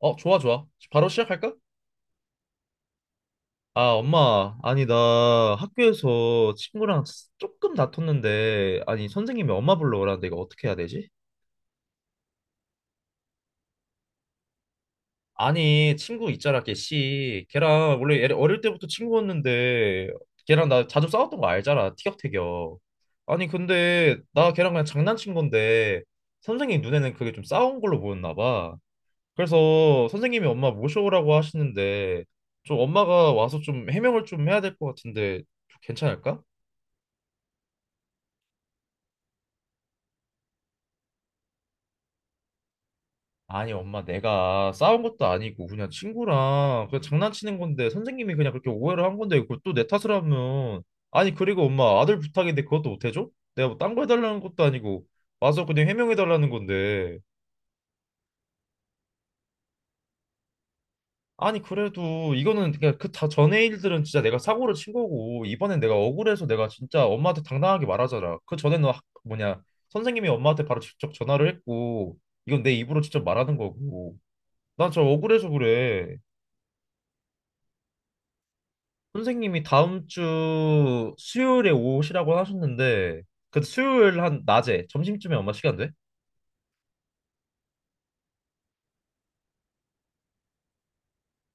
어, 좋아, 좋아. 바로 시작할까? 아, 엄마. 아니, 나 학교에서 친구랑 조금 다퉜는데, 아니, 선생님이 엄마 불러오라는데 이거 어떻게 해야 되지? 아니, 친구 있잖아, 걔 씨. 걔랑 원래 얘 어릴 때부터 친구였는데, 걔랑 나 자주 싸웠던 거 알잖아, 티격태격. 아니, 근데 나 걔랑 그냥 장난친 건데, 선생님 눈에는 그게 좀 싸운 걸로 보였나 봐. 그래서 선생님이 엄마 모셔오라고 하시는데 좀 엄마가 와서 좀 해명을 좀 해야 될 것 같은데 좀 괜찮을까? 아니 엄마 내가 싸운 것도 아니고 그냥 친구랑 그냥 장난치는 건데 선생님이 그냥 그렇게 오해를 한 건데 그걸 또 내 탓을 하면. 아니 그리고 엄마 아들 부탁인데 그것도 못 해줘? 내가 뭐 딴 거 해달라는 것도 아니고 와서 그냥 해명해달라는 건데. 아니 그래도 이거는 그냥 그다 전의 일들은 진짜 내가 사고를 친 거고 이번엔 내가 억울해서 내가 진짜 엄마한테 당당하게 말하잖아. 그 전에 너 학- 뭐냐 선생님이 엄마한테 바로 직접 전화를 했고 이건 내 입으로 직접 말하는 거고 나 저 억울해서 그래. 선생님이 다음 주 수요일에 오시라고 하셨는데 그 수요일 한 낮에 점심쯤에 엄마 시간 돼?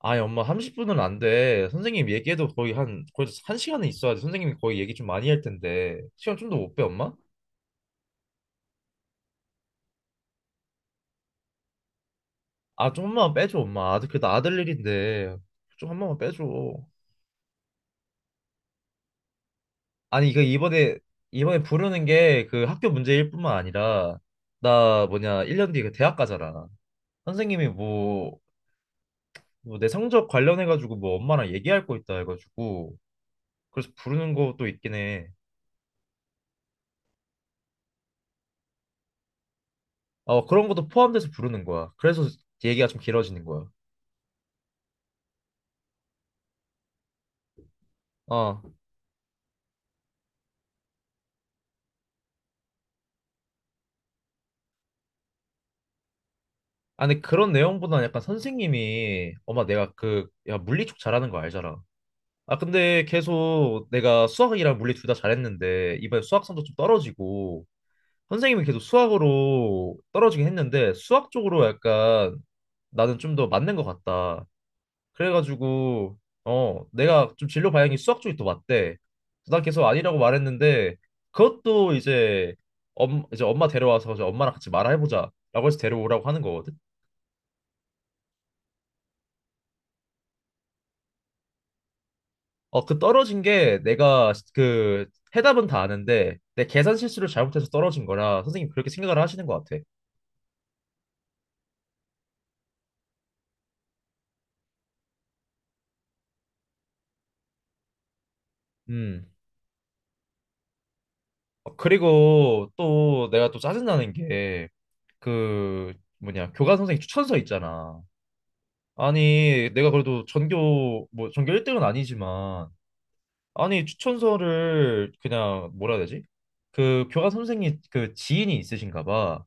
아니 엄마 30분은 안 돼. 선생님 얘기해도 거의 한 시간은 있어야지. 선생님이 거의 얘기 좀 많이 할 텐데 시간 좀 더 못 빼 엄마? 아 좀만 빼줘 엄마 아들 그래도 아들 일인데 좀 한 번만 빼줘. 아니 이거 이번에 부르는 게 그 학교 문제일 뿐만 아니라 나 뭐냐 1년 뒤에 그 대학 가잖아. 선생님이 뭐 내 성적 관련해가지고 뭐 엄마랑 얘기할 거 있다 해가지고 그래서 부르는 것도 있긴 해. 어, 그런 것도 포함돼서 부르는 거야 그래서 얘기가 좀 길어지는 거야. 어. 아니 그런 내용보다는 약간 선생님이 엄마 내가 그 야 물리 쪽 잘하는 거 알잖아. 아, 근데 계속 내가 수학이랑 물리 둘 다 잘했는데, 이번에 수학 성적 좀 떨어지고, 선생님은 계속 수학으로 떨어지긴 했는데, 수학 쪽으로 약간 나는 좀 더 맞는 것 같다. 그래가지고, 어, 내가 좀 진로 방향이 수학 쪽이 더 맞대. 난 계속 아니라고 말했는데, 그것도 이제, 이제 엄마 데려와서 이제 엄마랑 같이 말해보자. 라고 해서 데려오라고 하는 거거든. 어, 그 떨어진 게 내가 그 해답은 다 아는데 내 계산 실수를 잘못해서 떨어진 거라 선생님 그렇게 생각을 하시는 것 같아. 음. 어, 그리고 또 내가 또 짜증나는 게 그 뭐냐 교감 선생님 추천서 있잖아. 아니 내가 그래도 전교 1등은 아니지만 아니 추천서를 그냥 뭐라 해야 되지? 그 교감 선생님 그 지인이 있으신가 봐.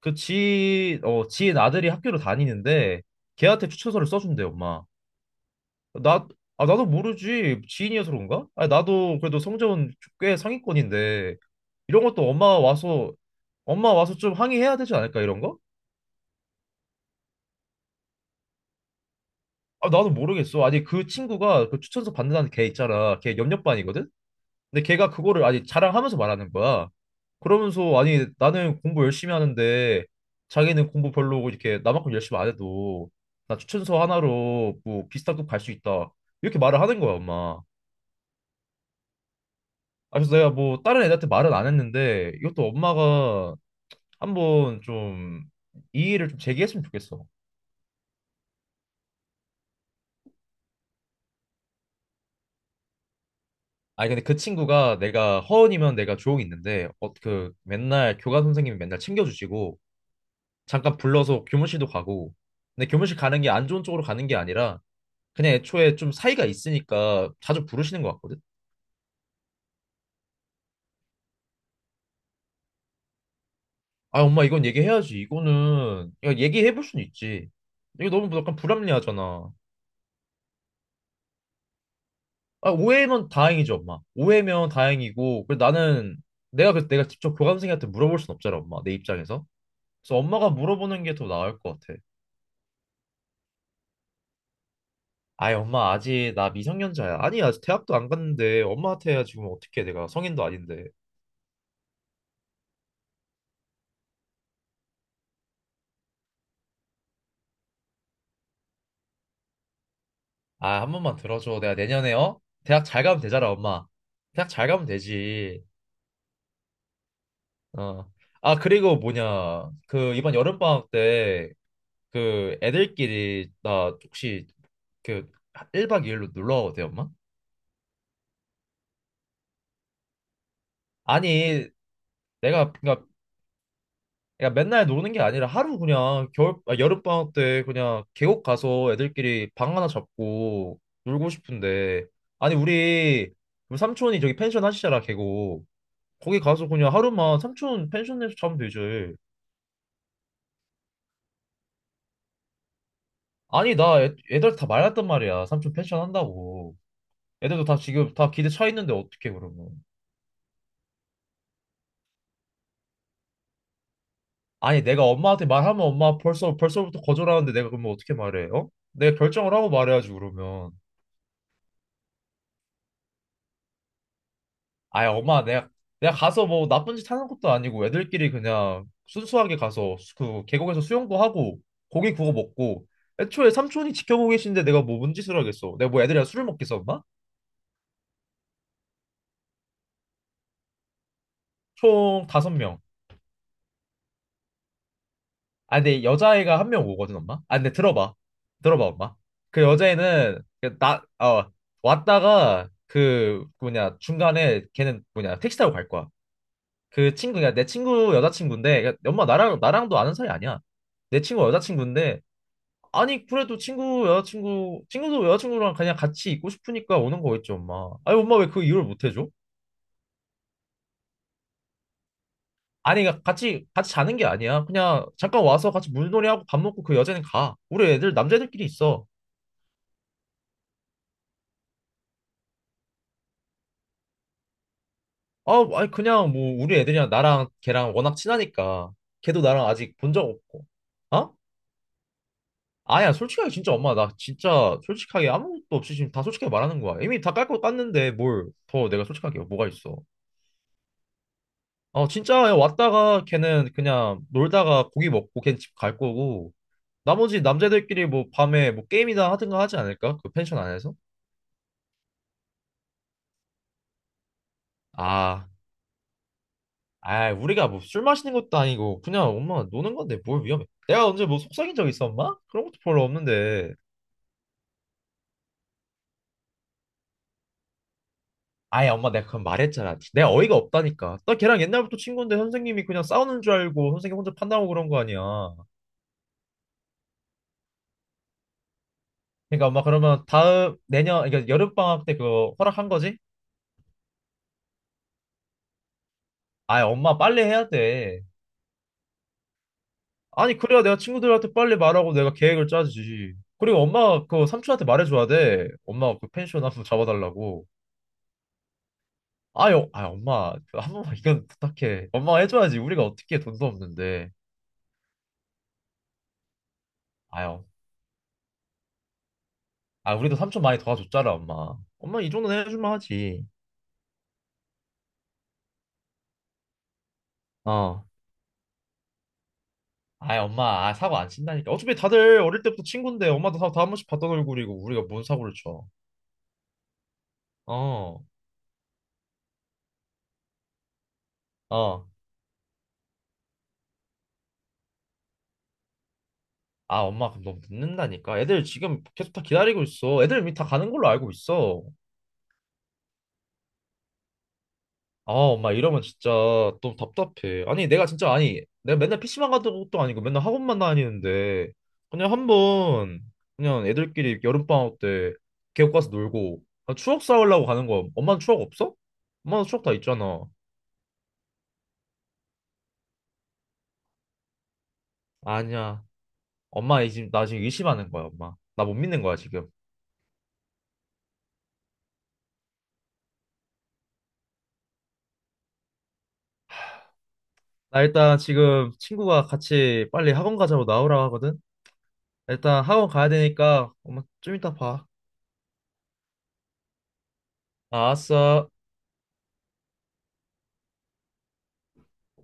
그 지인 아들이 학교를 다니는데 걔한테 추천서를 써준대 엄마. 나, 아, 나도 모르지. 지인이어서 그런가? 아, 나도 그래도 성적은 꽤 상위권인데, 이런 것도 엄마 와서, 엄마 와서 좀 항의해야 되지 않을까, 이런 거? 아, 나도 모르겠어. 아니, 그 친구가 그 추천서 받는다는 걔 있잖아. 걔 옆옆반이거든? 근데 걔가 그거를 아니, 자랑하면서 말하는 거야. 그러면서, 아니, 나는 공부 열심히 하는데, 자기는 공부 별로고, 이렇게 나만큼 열심히 안 해도, 나 추천서 하나로 뭐 비슷한 급 갈 수 있다. 이렇게 말을 하는 거야, 엄마. 아, 그래서 내가 뭐 다른 애들한테 말은 안 했는데 이것도 엄마가 한번 좀 이의를 좀 제기했으면 좋겠어. 아니 근데 그 친구가 내가 허언이면 내가 조용히 있는데 어, 그 맨날 교감 선생님이 맨날 챙겨주시고 잠깐 불러서 교무실도 가고 근데 교무실 가는 게 안 좋은 쪽으로 가는 게 아니라 그냥 애초에 좀 사이가 있으니까 자주 부르시는 것 같거든. 아 엄마 이건 얘기해야지 이거는 야 얘기해 볼 수는 있지. 이거 너무 약간 불합리하잖아. 아, 오해면 다행이죠, 엄마. 오해면 다행이고, 그래 나는 내가 그 내가 직접 교감생한테 물어볼 순 없잖아, 엄마. 내 입장에서. 그래서 엄마가 물어보는 게 더 나을 것 같아. 아이, 엄마 아직 나 미성년자야. 아니, 아직 대학도 안 갔는데 엄마한테 지금 어떻게 해, 내가 성인도 아닌데. 아, 한 번만 들어줘. 내가 내년에 어? 대학 잘 가면 되잖아, 엄마. 대학 잘 가면 되지. 어. 아, 그리고 뭐냐. 그 이번 여름방학 때 그 애들끼리 나 혹시 그 1박 2일로 놀러 와도 돼, 엄마? 아니 내가 그러니까. 그러니까 맨날 노는 게 아니라 하루 그냥 여름방학 때 그냥 계곡 가서 애들끼리 방 하나 잡고 놀고 싶은데. 아니 우리 삼촌이 저기 펜션 하시잖아 계곡 거기 가서 그냥 하루만 삼촌 펜션에서 자면 되지. 아니 나 애들 다 말랐단 말이야 삼촌 펜션 한다고 애들도 다 지금 다 기대 차 있는데 어떻게 그러면. 아니 내가 엄마한테 말하면 엄마 벌써부터 거절하는데 내가 그러면 어떻게 말해 어? 내가 결정을 하고 말해야지 그러면. 아이 엄마 내가 가서 뭐 나쁜 짓 하는 것도 아니고 애들끼리 그냥 순수하게 가서 그 계곡에서 수영도 하고 고기 구워 먹고 애초에 삼촌이 지켜보고 계신데 내가 뭐 뭔 짓을 하겠어 내가 뭐 애들이랑 술을 먹겠어 엄마? 총 다섯 명아. 근데 여자애가 한 명 오거든 엄마 아 근데 들어봐 들어봐 엄마 그 여자애는 그 나 어 왔다가 그 뭐냐 중간에 걔는 뭐냐 택시 타고 갈 거야. 그 친구가 내 친구 여자친구인데 그러니까 엄마 나랑도 아는 사이 아니야 내 친구 여자친구인데. 아니 그래도 친구 여자친구 친구도 여자친구랑 그냥 같이 있고 싶으니까 오는 거겠지 엄마. 아니 엄마 왜 그 이유를 못 해줘? 아니 그러니까 같이 자는 게 아니야. 그냥 잠깐 와서 같이 물놀이하고 밥 먹고 그 여자는 가. 우리 애들 남자애들끼리 있어. 아 아니 그냥 뭐 우리 애들이랑 나랑 걔랑 워낙 친하니까 걔도 나랑 아직 본 적 없고. 어? 아니야 솔직하게 진짜 엄마 나 진짜 솔직하게 아무것도 없이 지금 다 솔직하게 말하는 거야. 이미 다 깔고 깠는데 뭘 더 내가 솔직하게 뭐가 있어? 어, 진짜 왔다가 걔는 그냥 놀다가 고기 먹고 걔는 집 갈 거고 나머지 남자들끼리 뭐 밤에 뭐 게임이나 하든가 하지 않을까? 그 펜션 안에서? 아, 아 우리가 뭐 술 마시는 것도 아니고 그냥 엄마 노는 건데 뭘 위험해. 내가 언제 뭐 속삭인 적 있어, 엄마? 그런 것도 별로 없는데. 아예 엄마 내가 그건 말했잖아. 내가 어이가 없다니까. 나 걔랑 옛날부터 친구인데 선생님이 그냥 싸우는 줄 알고 선생님 혼자 판단하고 그런 거 아니야. 그러니까 엄마 그러면 다음 내년 그러니까 여름방학 때 그거 허락한 거지? 아 엄마 빨리 해야 돼. 아니, 그래야 내가 친구들한테 빨리 말하고 내가 계획을 짜지. 그리고 엄마가 그 삼촌한테 말해줘야 돼. 엄마가 그 펜션 한번 잡아달라고. 아유, 아 엄마, 그한 번만 이건 부탁해. 엄마가 해줘야지. 우리가 어떻게 해, 돈도 없는데. 아유, 아, 우리도 삼촌 많이 도와줬잖아, 엄마. 엄마 이 정도는 해줄만 하지. 어. 아이, 엄마, 아, 사고 안 친다니까. 어차피 다들 어릴 때부터 친구인데, 엄마도 다한 번씩 봤던 얼굴이고, 우리가 뭔 사고를 쳐. 어, 어. 아, 엄마, 그럼 너무 늦는다니까. 애들 지금 계속 다 기다리고 있어. 애들 이미 다 가는 걸로 알고 있어. 아, 엄마 이러면 진짜 너무 답답해. 아니, 내가 진짜 아니, 내가 맨날 PC방 가던 것도 아니고 맨날 학원만 다니는데 그냥 한번 그냥 애들끼리 여름방학 때 계곡 가서 놀고. 아, 추억 쌓으려고 가는 거. 엄마는 추억 없어? 엄마는 추억 다 있잖아. 아니야. 엄마 이 지금 나 지금 의심하는 거야, 엄마. 나 못 믿는 거야, 지금. 나 일단 지금 친구가 같이 빨리 학원 가자고 나오라고 하거든. 일단 학원 가야 되니까 엄마 좀 이따 봐. 알았어.